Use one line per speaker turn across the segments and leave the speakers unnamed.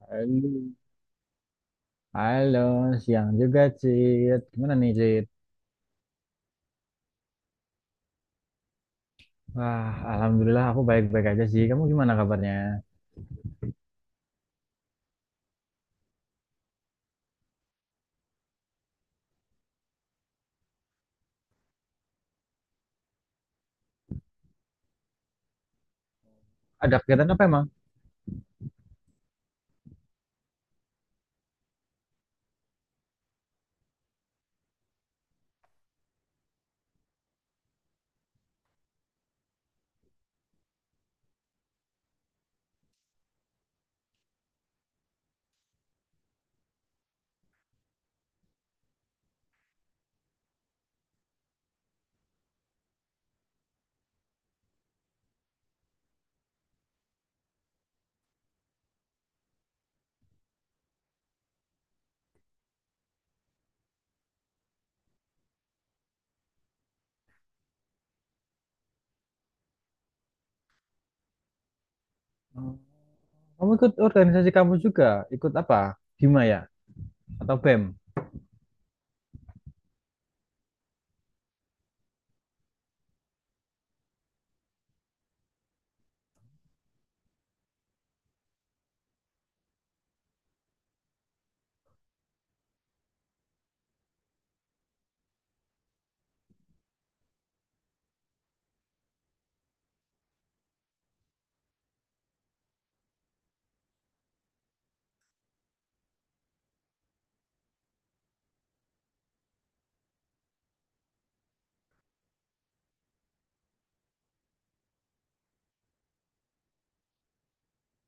Halo, Halo, siang juga, Cid. Gimana nih, Cid? Wah, alhamdulillah aku baik-baik aja sih. Kamu gimana kabarnya? Ada kegiatan apa emang? Oh, kamu ikut organisasi kamu juga? Ikut apa? Hima ya? Atau BEM?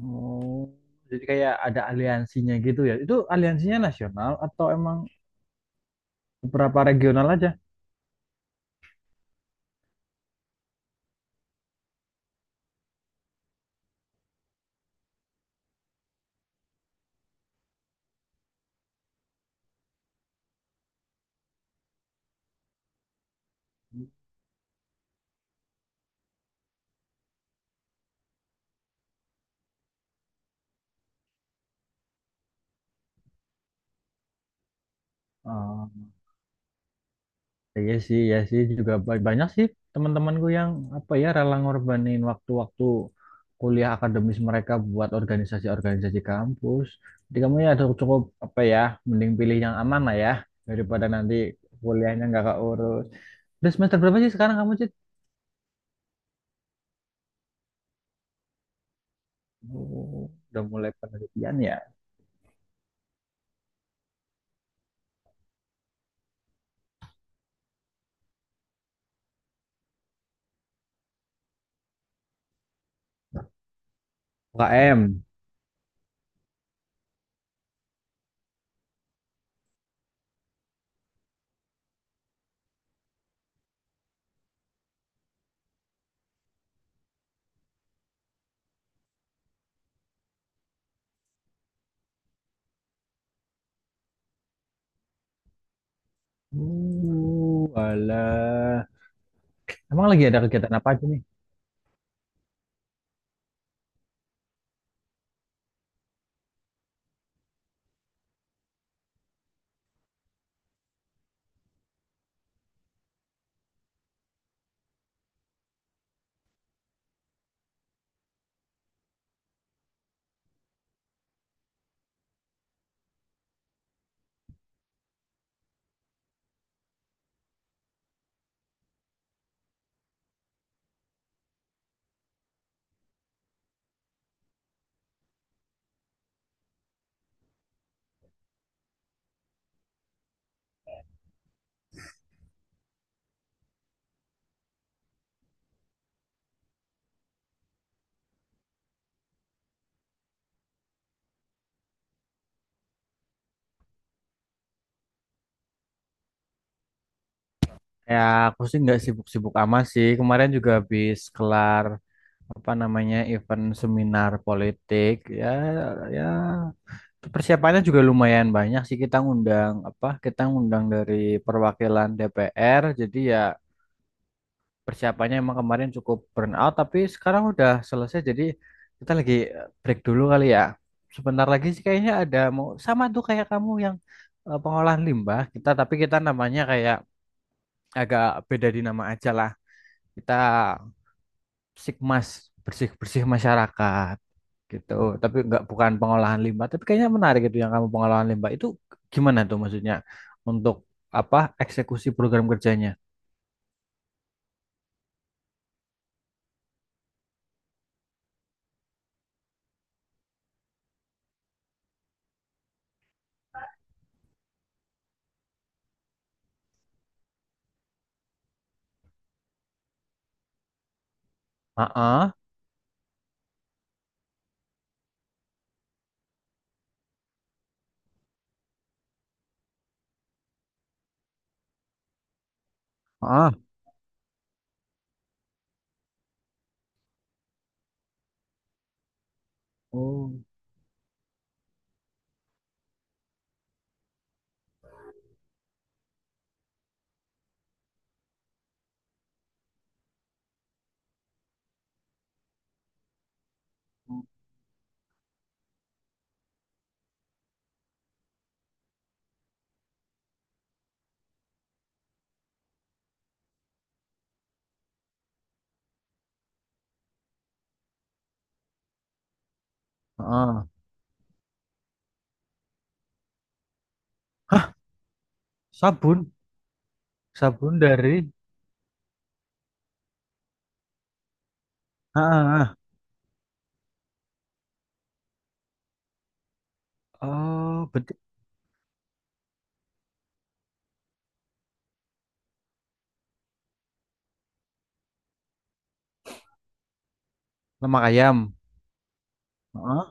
Oh, jadi kayak ada aliansinya gitu ya. Itu aliansinya nasional atau emang beberapa regional aja? Iya sih, ya sih juga banyak sih teman-temanku yang apa ya rela ngorbanin waktu-waktu kuliah akademis mereka buat organisasi-organisasi kampus. Jadi kamu ya cukup, cukup apa ya, mending pilih yang aman lah ya daripada nanti kuliahnya nggak keurus. Udah semester berapa sih sekarang kamu, Cit? Oh, udah mulai penelitian ya. UKM. Alah. Emang lagi ada kegiatan apa aja nih? Ya, aku sih nggak sibuk-sibuk amat sih. Kemarin juga habis kelar apa namanya event seminar politik, ya, ya persiapannya juga lumayan banyak sih, kita ngundang apa kita ngundang dari perwakilan DPR jadi ya persiapannya emang kemarin cukup burn out, tapi sekarang udah selesai jadi kita lagi break dulu kali ya. Sebentar lagi sih kayaknya ada mau sama tuh kayak kamu yang pengolahan limbah kita, tapi kita namanya kayak agak beda di nama aja lah, kita Sikmas, bersih-bersih masyarakat gitu. Tapi nggak, bukan pengolahan limbah, tapi kayaknya menarik itu yang kamu pengolahan limbah itu gimana tuh maksudnya untuk apa eksekusi program kerjanya? Ah ah Oh, ah Hah, sabun, sabun dari ah Oh, berarti lemak ayam. Ah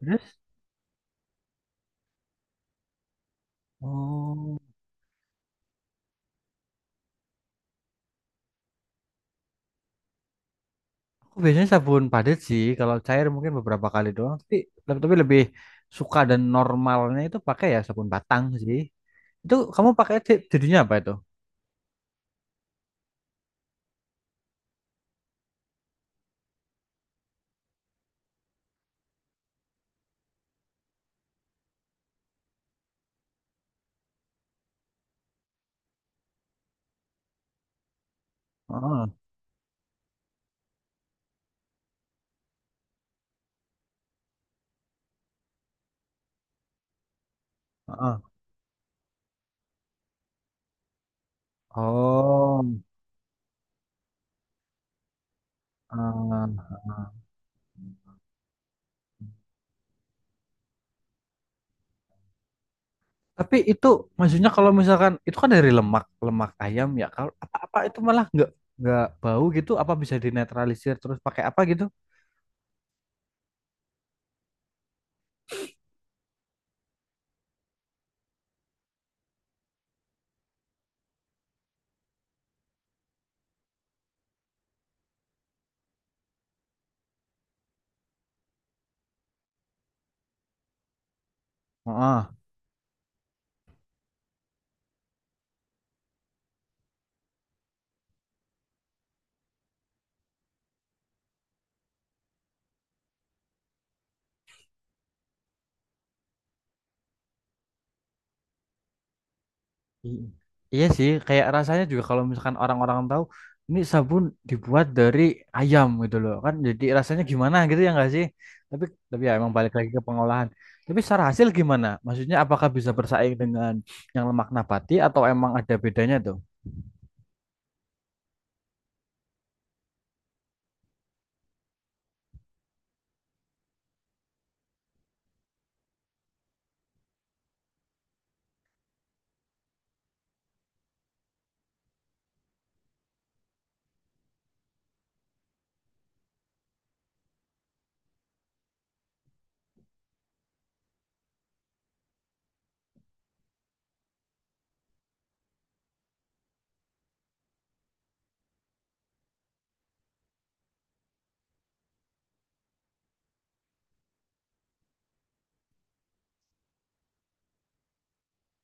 Terus? Oh, aku biasanya sabun padat sih. Kalau cair mungkin beberapa kali doang, tapi lebih suka dan normalnya itu pakai ya sabun batang sih. Itu kamu pakai jadinya apa itu? Heeh. Oh, heeh, heeh. Tapi itu maksudnya kalau misalkan itu kan dari lemak lemak ayam ya kalau apa-apa itu malah nggak bau gitu, apa bisa dinetralisir terus pakai apa gitu? Heeh. I- Iya sih kayak rasanya juga kalau misalkan orang-orang tahu ini sabun dibuat dari ayam gitu loh kan jadi rasanya gimana gitu ya nggak sih? Tapi tapi ya emang balik lagi ke pengolahan. Tapi secara hasil gimana? Maksudnya apakah bisa bersaing dengan yang lemak nabati atau emang ada bedanya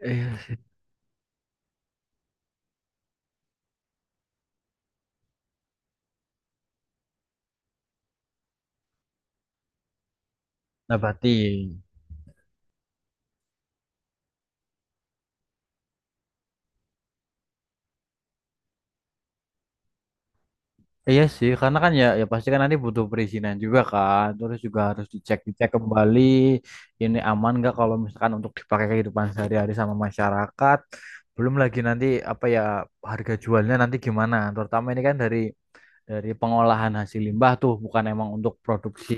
tuh? Nah, berarti iya sih, karena kan ya ya pasti kan nanti butuh perizinan juga kan. Terus juga harus dicek-dicek kembali ini aman nggak kalau misalkan untuk dipakai kehidupan sehari-hari sama masyarakat. Belum lagi nanti apa ya harga jualnya nanti gimana. Terutama ini kan dari pengolahan hasil limbah tuh bukan emang untuk produksi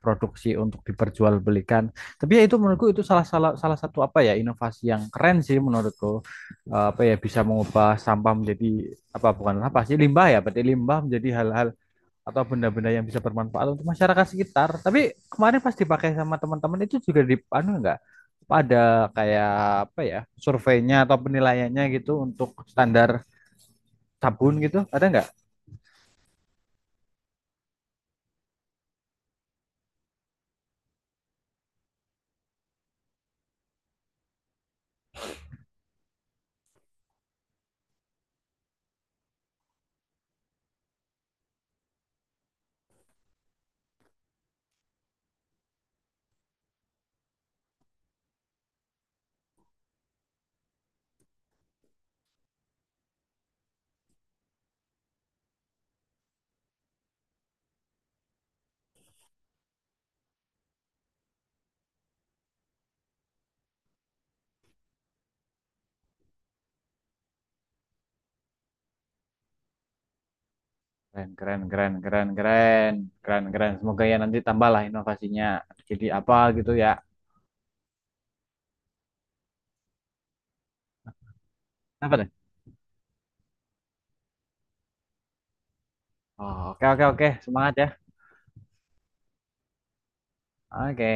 produksi untuk diperjualbelikan. Tapi ya itu menurutku itu salah salah salah satu apa ya inovasi yang keren sih menurutku. Eh, apa ya bisa mengubah sampah menjadi apa bukan apa sih limbah ya berarti limbah menjadi hal-hal atau benda-benda yang bisa bermanfaat untuk masyarakat sekitar. Tapi kemarin pas dipakai sama teman-teman itu juga di anu enggak. Apa ada kayak apa ya surveinya atau penilaiannya gitu untuk standar sabun gitu ada nggak? Keren, keren, keren, keren, keren, keren, keren. Semoga ya nanti tambahlah inovasinya. Jadi apa gitu ya. Apa tuh? Oh, oke, oke, oke. Semangat ya. Oke.